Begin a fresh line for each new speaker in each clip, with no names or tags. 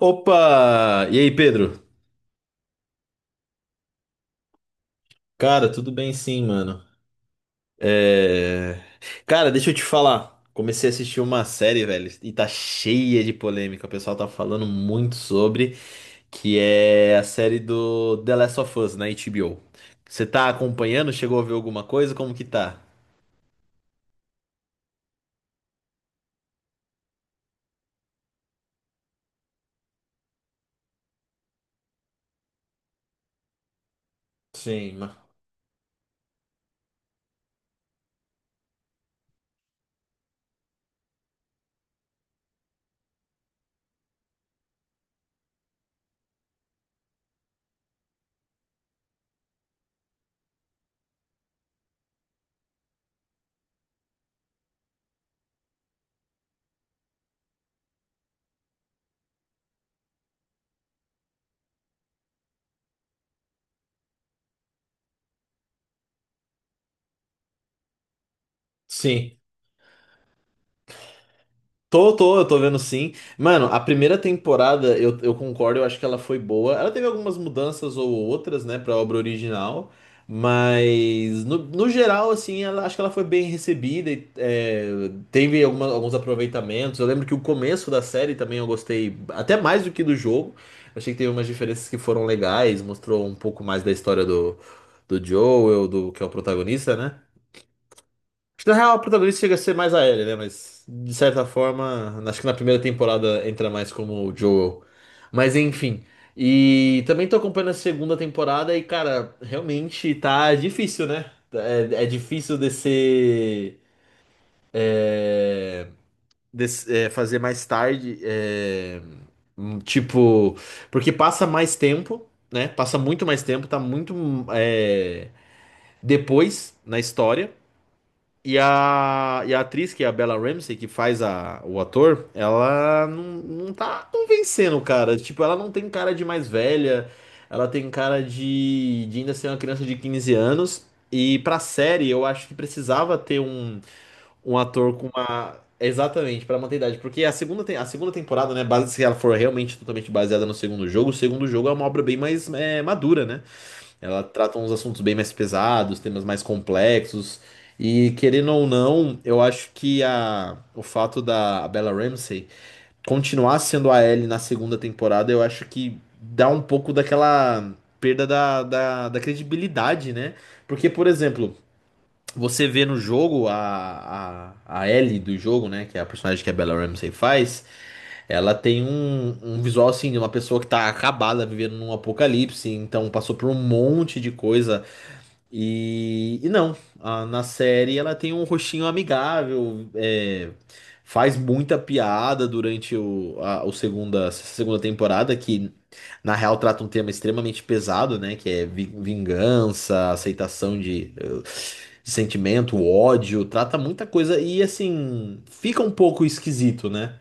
Opa! E aí, Pedro? Cara, tudo bem sim, mano. É... Cara, deixa eu te falar. Comecei a assistir uma série, velho, e tá cheia de polêmica. O pessoal tá falando muito sobre, que é a série do The Last of Us na HBO. Você tá acompanhando? Chegou a ver alguma coisa? Como que tá? Sim, ma- sim. Eu tô vendo sim. Mano, a primeira temporada, eu concordo, eu acho que ela foi boa. Ela teve algumas mudanças ou outras, né, pra obra original. Mas, no geral, assim, ela, acho que ela foi bem recebida teve alguns aproveitamentos. Eu lembro que o começo da série também eu gostei, até mais do que do jogo. Eu achei que teve umas diferenças que foram legais, mostrou um pouco mais da história do, do Joel, do, que é o protagonista, né? Acho que na real, o protagonista chega a ser mais a Ellie, né? Mas, de certa forma, acho que na primeira temporada entra mais como o Joel. Mas, enfim. E também tô acompanhando a segunda temporada e, cara, realmente tá difícil, né? É, é difícil descer, fazer mais tarde. Tipo, porque passa mais tempo, né? Passa muito mais tempo, tá muito, depois na história. E e a atriz, que é a Bella Ramsey, que faz a, o ator, ela não, não tá convencendo, cara. Tipo, ela não tem cara de mais velha, ela tem cara de ainda ser uma criança de 15 anos. E pra série, eu acho que precisava ter um, um ator com uma. Exatamente, pra manter a idade. Porque a segunda temporada, né, base, se ela for realmente totalmente baseada no segundo jogo, o segundo jogo é uma obra bem mais madura, né? Ela trata uns assuntos bem mais pesados, temas mais complexos. E querendo ou não, eu acho que a, o fato da Bella Ramsey continuar sendo a Ellie na segunda temporada, eu acho que dá um pouco daquela perda da credibilidade, né? Porque, por exemplo, você vê no jogo a Ellie do jogo, né? Que é a personagem que a Bella Ramsey faz, ela tem um, um visual assim de uma pessoa que tá acabada, vivendo num apocalipse, então passou por um monte de coisa e não, na série ela tem um rostinho amigável, é, faz muita piada durante o segunda temporada, que na real trata um tema extremamente pesado, né? Que é vingança, aceitação de sentimento, ódio, trata muita coisa e assim, fica um pouco esquisito, né?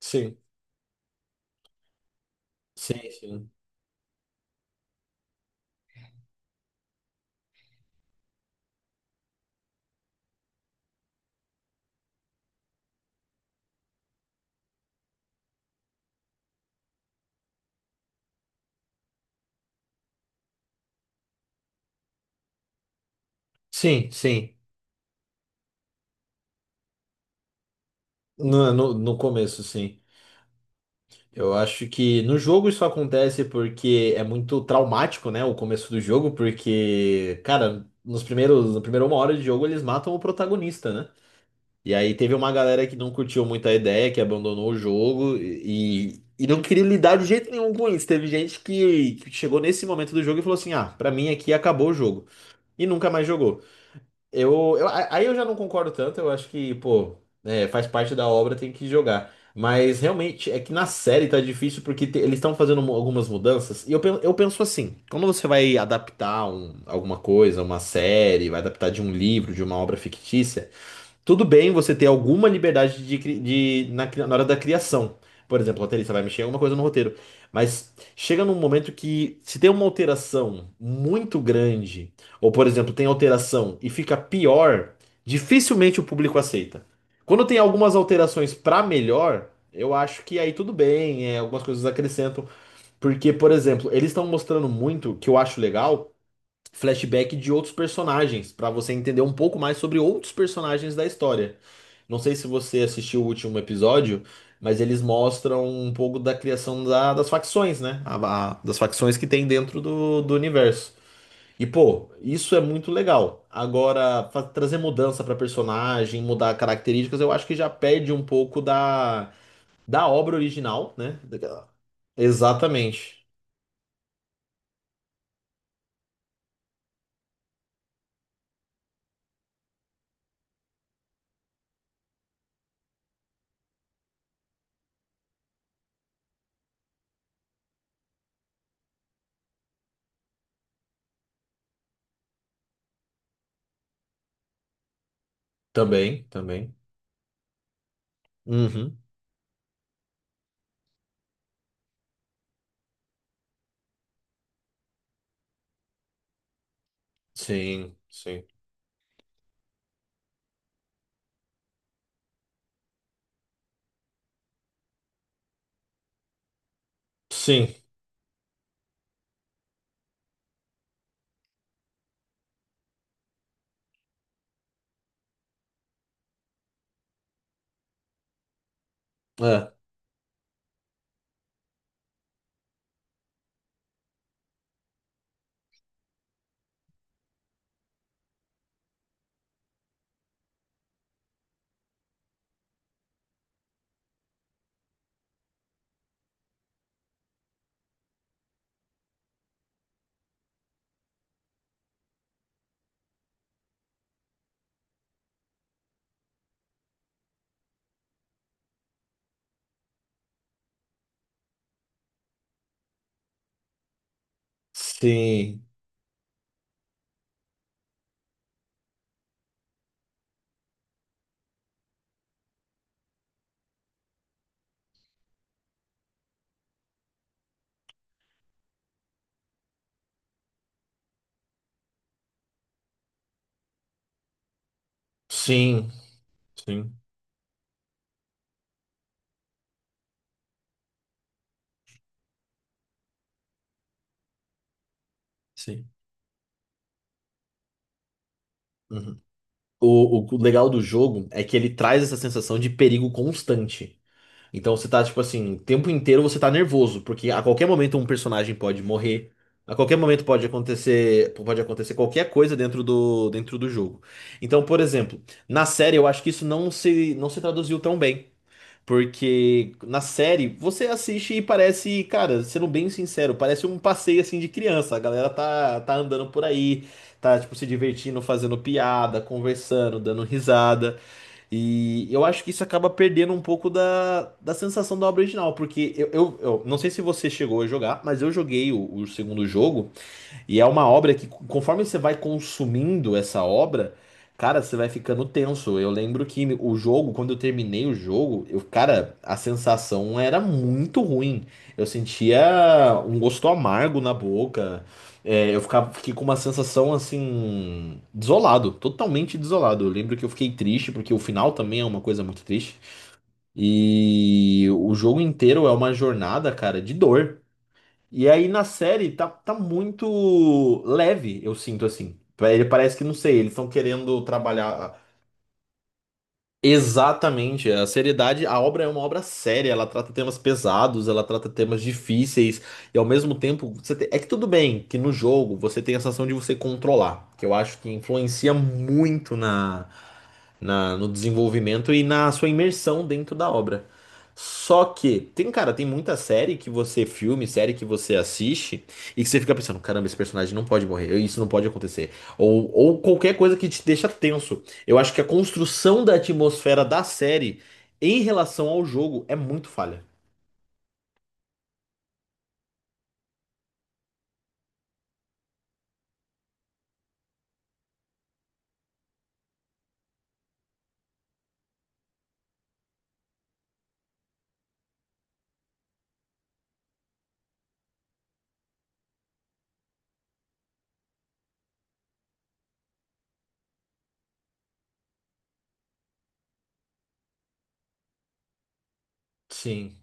Sim, sim, sim. Sim, sim. No começo, sim. Eu acho que no jogo isso acontece porque é muito traumático, né? O começo do jogo, porque, cara, na primeira uma hora de jogo eles matam o protagonista, né? E aí teve uma galera que não curtiu muito a ideia, que abandonou o jogo e não queria lidar de jeito nenhum com isso. Teve gente que chegou nesse momento do jogo e falou assim: ah, pra mim aqui acabou o jogo. E nunca mais jogou. Aí eu já não concordo tanto, eu acho que, pô, é, faz parte da obra, tem que jogar. Mas realmente é que na série tá difícil porque eles estão fazendo algumas mudanças. E eu penso assim: quando você vai adaptar alguma coisa, uma série, vai adaptar de um livro, de uma obra fictícia. Tudo bem você ter alguma liberdade de, cri- de- na, cri- na hora da criação. Por exemplo, o roteirista vai mexer em alguma coisa no roteiro. Mas chega num momento que, se tem uma alteração muito grande, ou por exemplo, tem alteração e fica pior, dificilmente o público aceita. Quando tem algumas alterações pra melhor, eu acho que aí tudo bem, é, algumas coisas acrescentam. Porque, por exemplo, eles estão mostrando muito, que eu acho legal flashback de outros personagens, pra você entender um pouco mais sobre outros personagens da história. Não sei se você assistiu o último episódio, mas eles mostram um pouco da criação das facções, né? Das facções que tem dentro do, do universo. E, pô, isso é muito legal. Agora, trazer mudança pra personagem, mudar características, eu acho que já perde um pouco da obra original, né? Daquela... Exatamente. Também, também. Uhum. Sim, sim. Sim. É, sim, sim, sim, sim. Uhum. O o legal do jogo é que ele traz essa sensação de perigo constante. Então você tá, tipo assim, o tempo inteiro você tá nervoso, porque a qualquer momento um personagem pode morrer, a qualquer momento pode acontecer qualquer coisa dentro do jogo. Então, por exemplo, na série eu acho que isso não se traduziu tão bem. Porque na série você assiste e parece, cara, sendo bem sincero, parece um passeio assim de criança. A galera tá andando por aí, tá tipo se divertindo, fazendo piada, conversando, dando risada. E eu acho que isso acaba perdendo um pouco da sensação da obra original. Porque eu não sei se você chegou a jogar, mas eu joguei o segundo jogo. E é uma obra que, conforme você vai consumindo essa obra, cara, você vai ficando tenso. Eu lembro que o jogo, quando eu terminei o jogo, eu, cara, a sensação era muito ruim. Eu sentia um gosto amargo na boca. É, fiquei com uma sensação assim, desolado, totalmente desolado. Eu lembro que eu fiquei triste, porque o final também é uma coisa muito triste. E o jogo inteiro é uma jornada, cara, de dor. E aí na série tá muito leve, eu sinto assim. Ele parece que, não sei, eles estão querendo trabalhar. Exatamente, a seriedade, a obra é uma obra séria, ela trata temas pesados, ela trata temas difíceis, e ao mesmo tempo, é que tudo bem que no jogo você tem a sensação de você controlar, que eu acho que influencia muito no desenvolvimento e na sua imersão dentro da obra. Só que, tem, cara, tem muita série que você filme, série que você assiste, e que você fica pensando, caramba, esse personagem não pode morrer, isso não pode acontecer. Ou qualquer coisa que te deixa tenso. Eu acho que a construção da atmosfera da série em relação ao jogo é muito falha. Sim.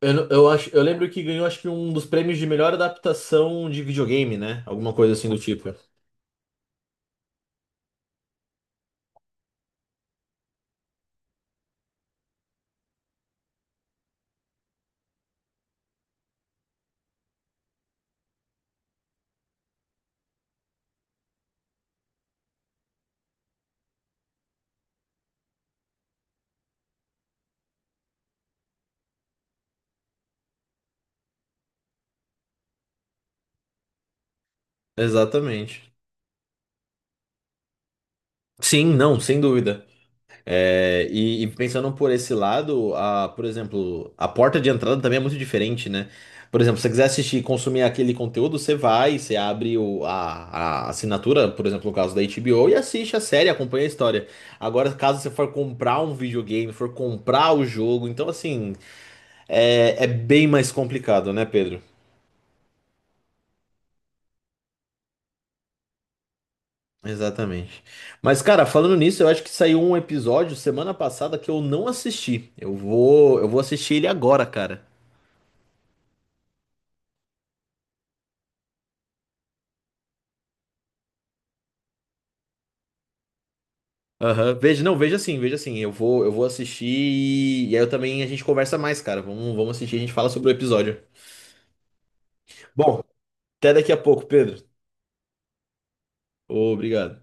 Eu, não- eu acho, eu lembro que ganhou acho que um dos prêmios de melhor adaptação de videogame, né? Alguma coisa assim do tipo. Exatamente. Sim, não, sem dúvida. É, e pensando por esse lado, a, por exemplo, a porta de entrada também é muito diferente, né? Por exemplo, se você quiser assistir e consumir aquele conteúdo, você vai, você abre a assinatura, por exemplo, no caso da HBO, e assiste a série, acompanha a história. Agora, caso você for comprar um videogame, for comprar o jogo, então assim, é, é bem mais complicado, né, Pedro? Exatamente. Mas, cara, falando nisso, eu acho que saiu um episódio semana passada que eu não assisti. Eu vou assistir ele agora, cara. Aham, veja, não, veja assim, eu vou assistir e aí eu também a gente conversa mais, cara. Vamos assistir, a gente fala sobre o episódio. Bom, até daqui a pouco, Pedro. Obrigado.